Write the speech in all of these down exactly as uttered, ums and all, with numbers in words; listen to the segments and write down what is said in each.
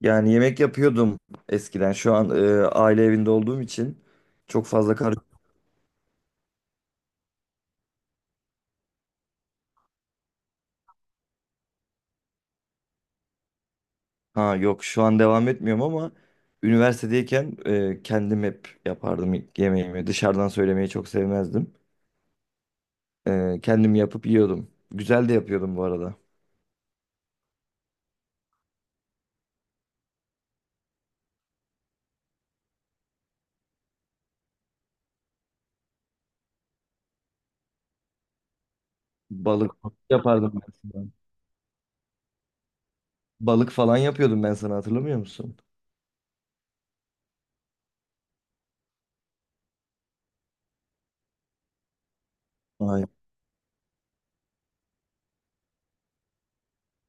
Yani yemek yapıyordum eskiden. Şu an e, aile evinde olduğum için çok fazla kar ha yok şu an devam etmiyorum ama üniversitedeyken e, kendim hep yapardım yemeğimi. Dışarıdan söylemeyi çok sevmezdim. E, kendim yapıp yiyordum. Güzel de yapıyordum bu arada. Balık yapardım ben sana. Balık falan yapıyordum ben sana, hatırlamıyor musun? Ay.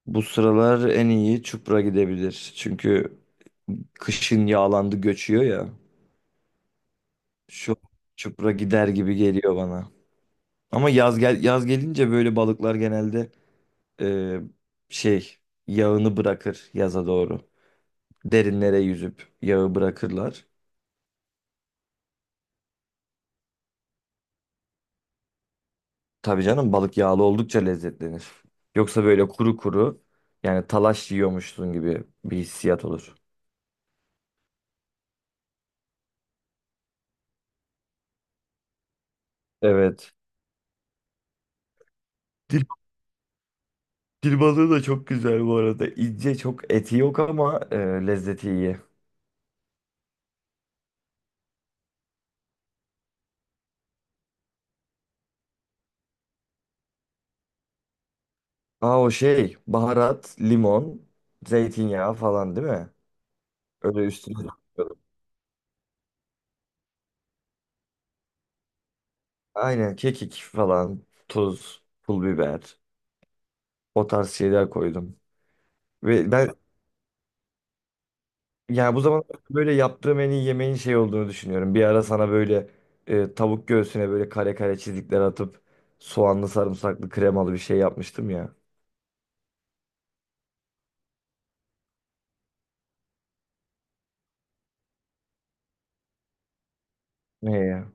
Bu sıralar en iyi çupra gidebilir. Çünkü kışın yağlandı, göçüyor ya. Şu çupra gider gibi geliyor bana. Ama yaz gel yaz gelince böyle balıklar genelde e, şey yağını bırakır yaza doğru. Derinlere yüzüp yağı bırakırlar. Tabii canım, balık yağlı oldukça lezzetlenir. Yoksa böyle kuru kuru, yani talaş yiyormuşsun gibi bir hissiyat olur. Evet. Dil, Dil balığı da çok güzel bu arada. İnce, çok eti yok ama e, lezzeti iyi. Aa, o şey baharat, limon, zeytinyağı falan değil mi? Öyle üstüne. Aynen kekik falan, tuz, pul biber, o tarz şeyler koydum. Ve ben yani bu zaman böyle yaptığım en iyi yemeğin şey olduğunu düşünüyorum. Bir ara sana böyle e, tavuk göğsüne böyle kare kare çizikler atıp soğanlı sarımsaklı kremalı bir şey yapmıştım ya. Ne ya?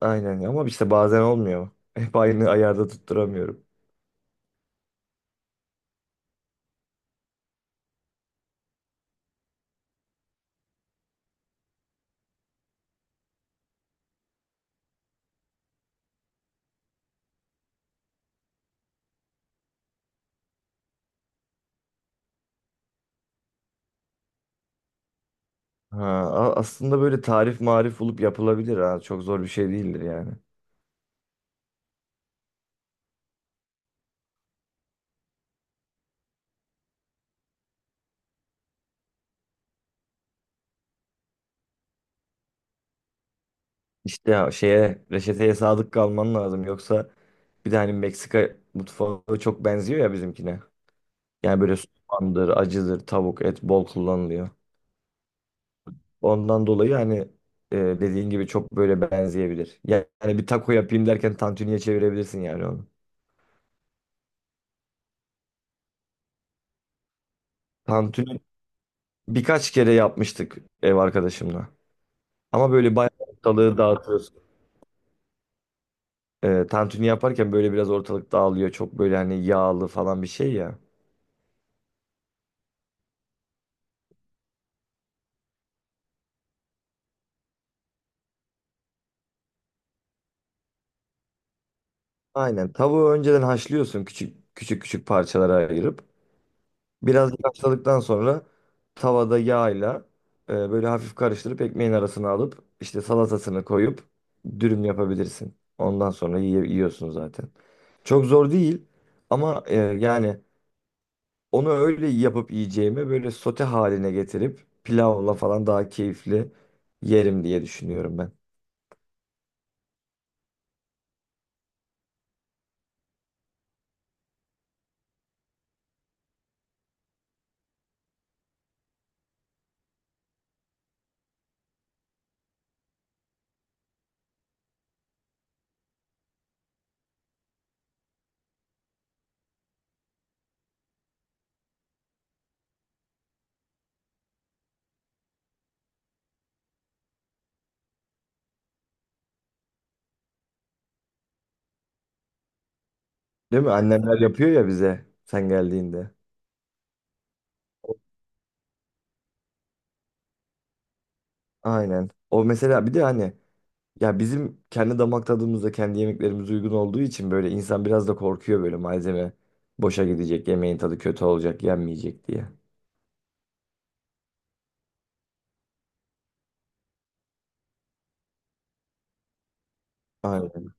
Aynen ama işte bazen olmuyor. Hep aynı ayarda tutturamıyorum. Ha, a- aslında böyle tarif marif bulup yapılabilir ha. Çok zor bir şey değildir yani. İşte ya şeye, reçeteye sadık kalman lazım yoksa. Bir de hani Meksika mutfağı çok benziyor ya bizimkine. Yani böyle soğandır, acıdır, tavuk, et bol kullanılıyor. Ondan dolayı hani e, dediğin gibi çok böyle benzeyebilir. Yani bir taco yapayım derken tantuniye çevirebilirsin yani onu. Tantuni birkaç kere yapmıştık ev arkadaşımla. Ama böyle bayağı ortalığı dağıtıyorsun. E, tantuni yaparken böyle biraz ortalık dağılıyor. Çok böyle hani yağlı falan bir şey ya. Aynen. Tavuğu önceden haşlıyorsun, küçük küçük küçük parçalara ayırıp. Biraz haşladıktan sonra tavada yağla e, böyle hafif karıştırıp ekmeğin arasına alıp işte salatasını koyup dürüm yapabilirsin. Ondan sonra yiye- yiyorsun zaten. Çok zor değil ama e, yani onu öyle yapıp yiyeceğime böyle sote haline getirip pilavla falan daha keyifli yerim diye düşünüyorum ben. Değil mi? Annemler yapıyor ya bize sen geldiğinde. Aynen. O mesela bir de hani ya bizim kendi damak tadımızda kendi yemeklerimiz uygun olduğu için böyle insan biraz da korkuyor, böyle malzeme boşa gidecek, yemeğin tadı kötü olacak, yenmeyecek diye. Aynen.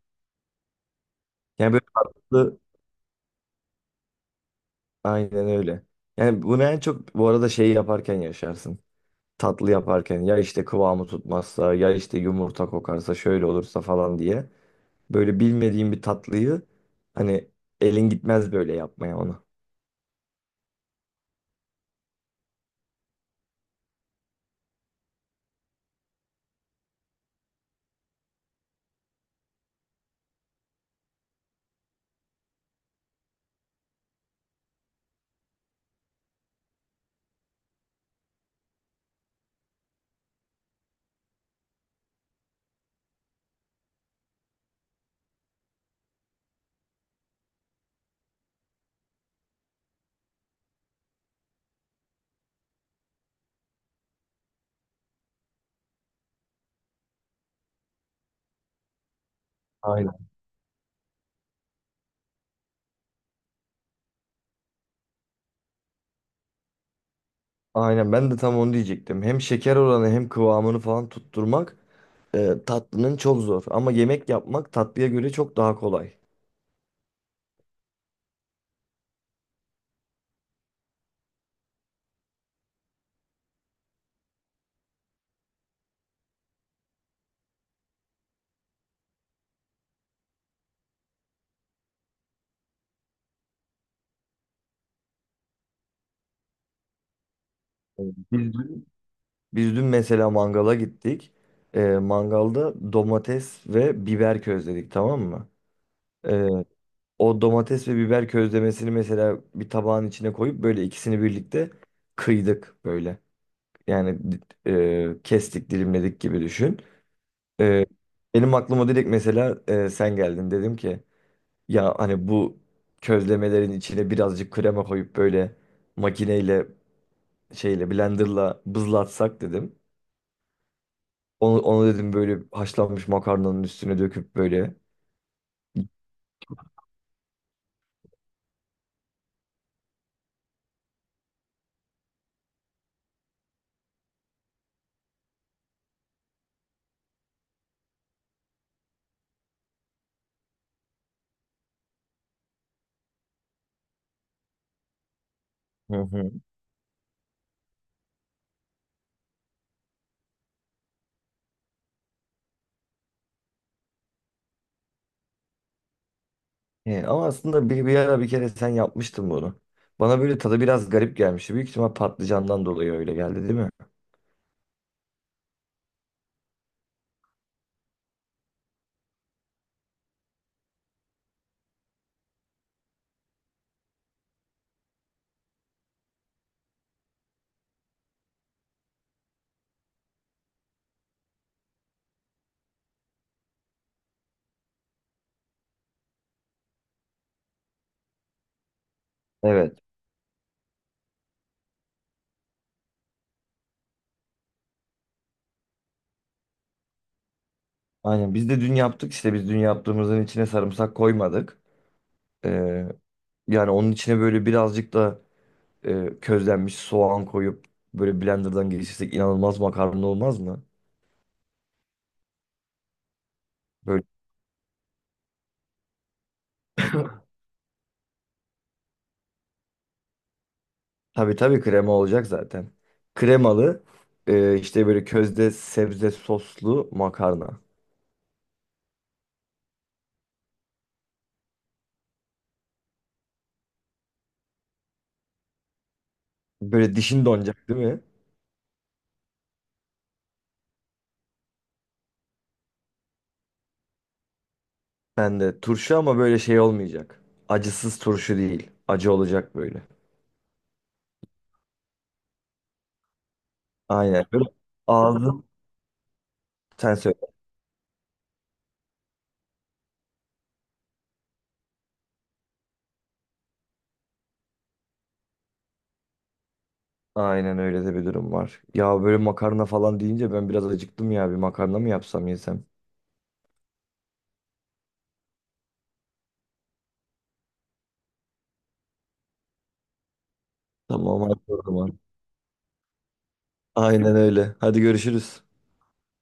Yani böyle tatlı, aynen öyle. Yani bunu en çok bu arada şeyi yaparken yaşarsın. Tatlı yaparken ya işte kıvamı tutmazsa, ya işte yumurta kokarsa, şöyle olursa falan diye böyle bilmediğim bir tatlıyı hani elin gitmez böyle yapmaya onu. Aynen. Aynen ben de tam onu diyecektim. Hem şeker oranı hem kıvamını falan tutturmak e, tatlının çok zor ama yemek yapmak tatlıya göre çok daha kolay. Evet. Biz dün, biz dün mesela mangala gittik. E, mangalda domates ve biber közledik, tamam mı? E, O domates ve biber közlemesini mesela bir tabağın içine koyup böyle ikisini birlikte kıydık böyle. Yani e, kestik, dilimledik gibi düşün. E, Benim aklıma direkt mesela e, sen geldin, dedim ki ya hani bu közlemelerin içine birazcık krema koyup böyle makineyle, şeyle blenderla bızlatsak dedim. Onu, onu dedim böyle haşlanmış makarnanın üstüne döküp böyle. Hı hı. He, ama aslında bir, bir ara bir kere sen yapmıştın bunu. Bana böyle tadı biraz garip gelmişti. Büyük ihtimal patlıcandan dolayı öyle geldi değil mi? Evet. Aynen biz de dün yaptık, işte biz dün yaptığımızın içine sarımsak koymadık. Ee, yani onun içine böyle birazcık da e, közlenmiş soğan koyup böyle blenderdan geçirsek inanılmaz makarna olmaz mı? Böyle tabii tabii krema olacak zaten. Kremalı e, işte böyle közde sebze soslu makarna. Böyle dişin donacak değil mi? Ben de turşu ama böyle şey olmayacak. Acısız turşu değil. Acı olacak böyle. Aynen. Böyle ağzım, sen söyle. Aynen öyle de bir durum var. Ya böyle makarna falan deyince ben biraz acıktım ya. Bir makarna mı yapsam yesem? Tamam, hadi o zaman. Aynen öyle. Hadi görüşürüz.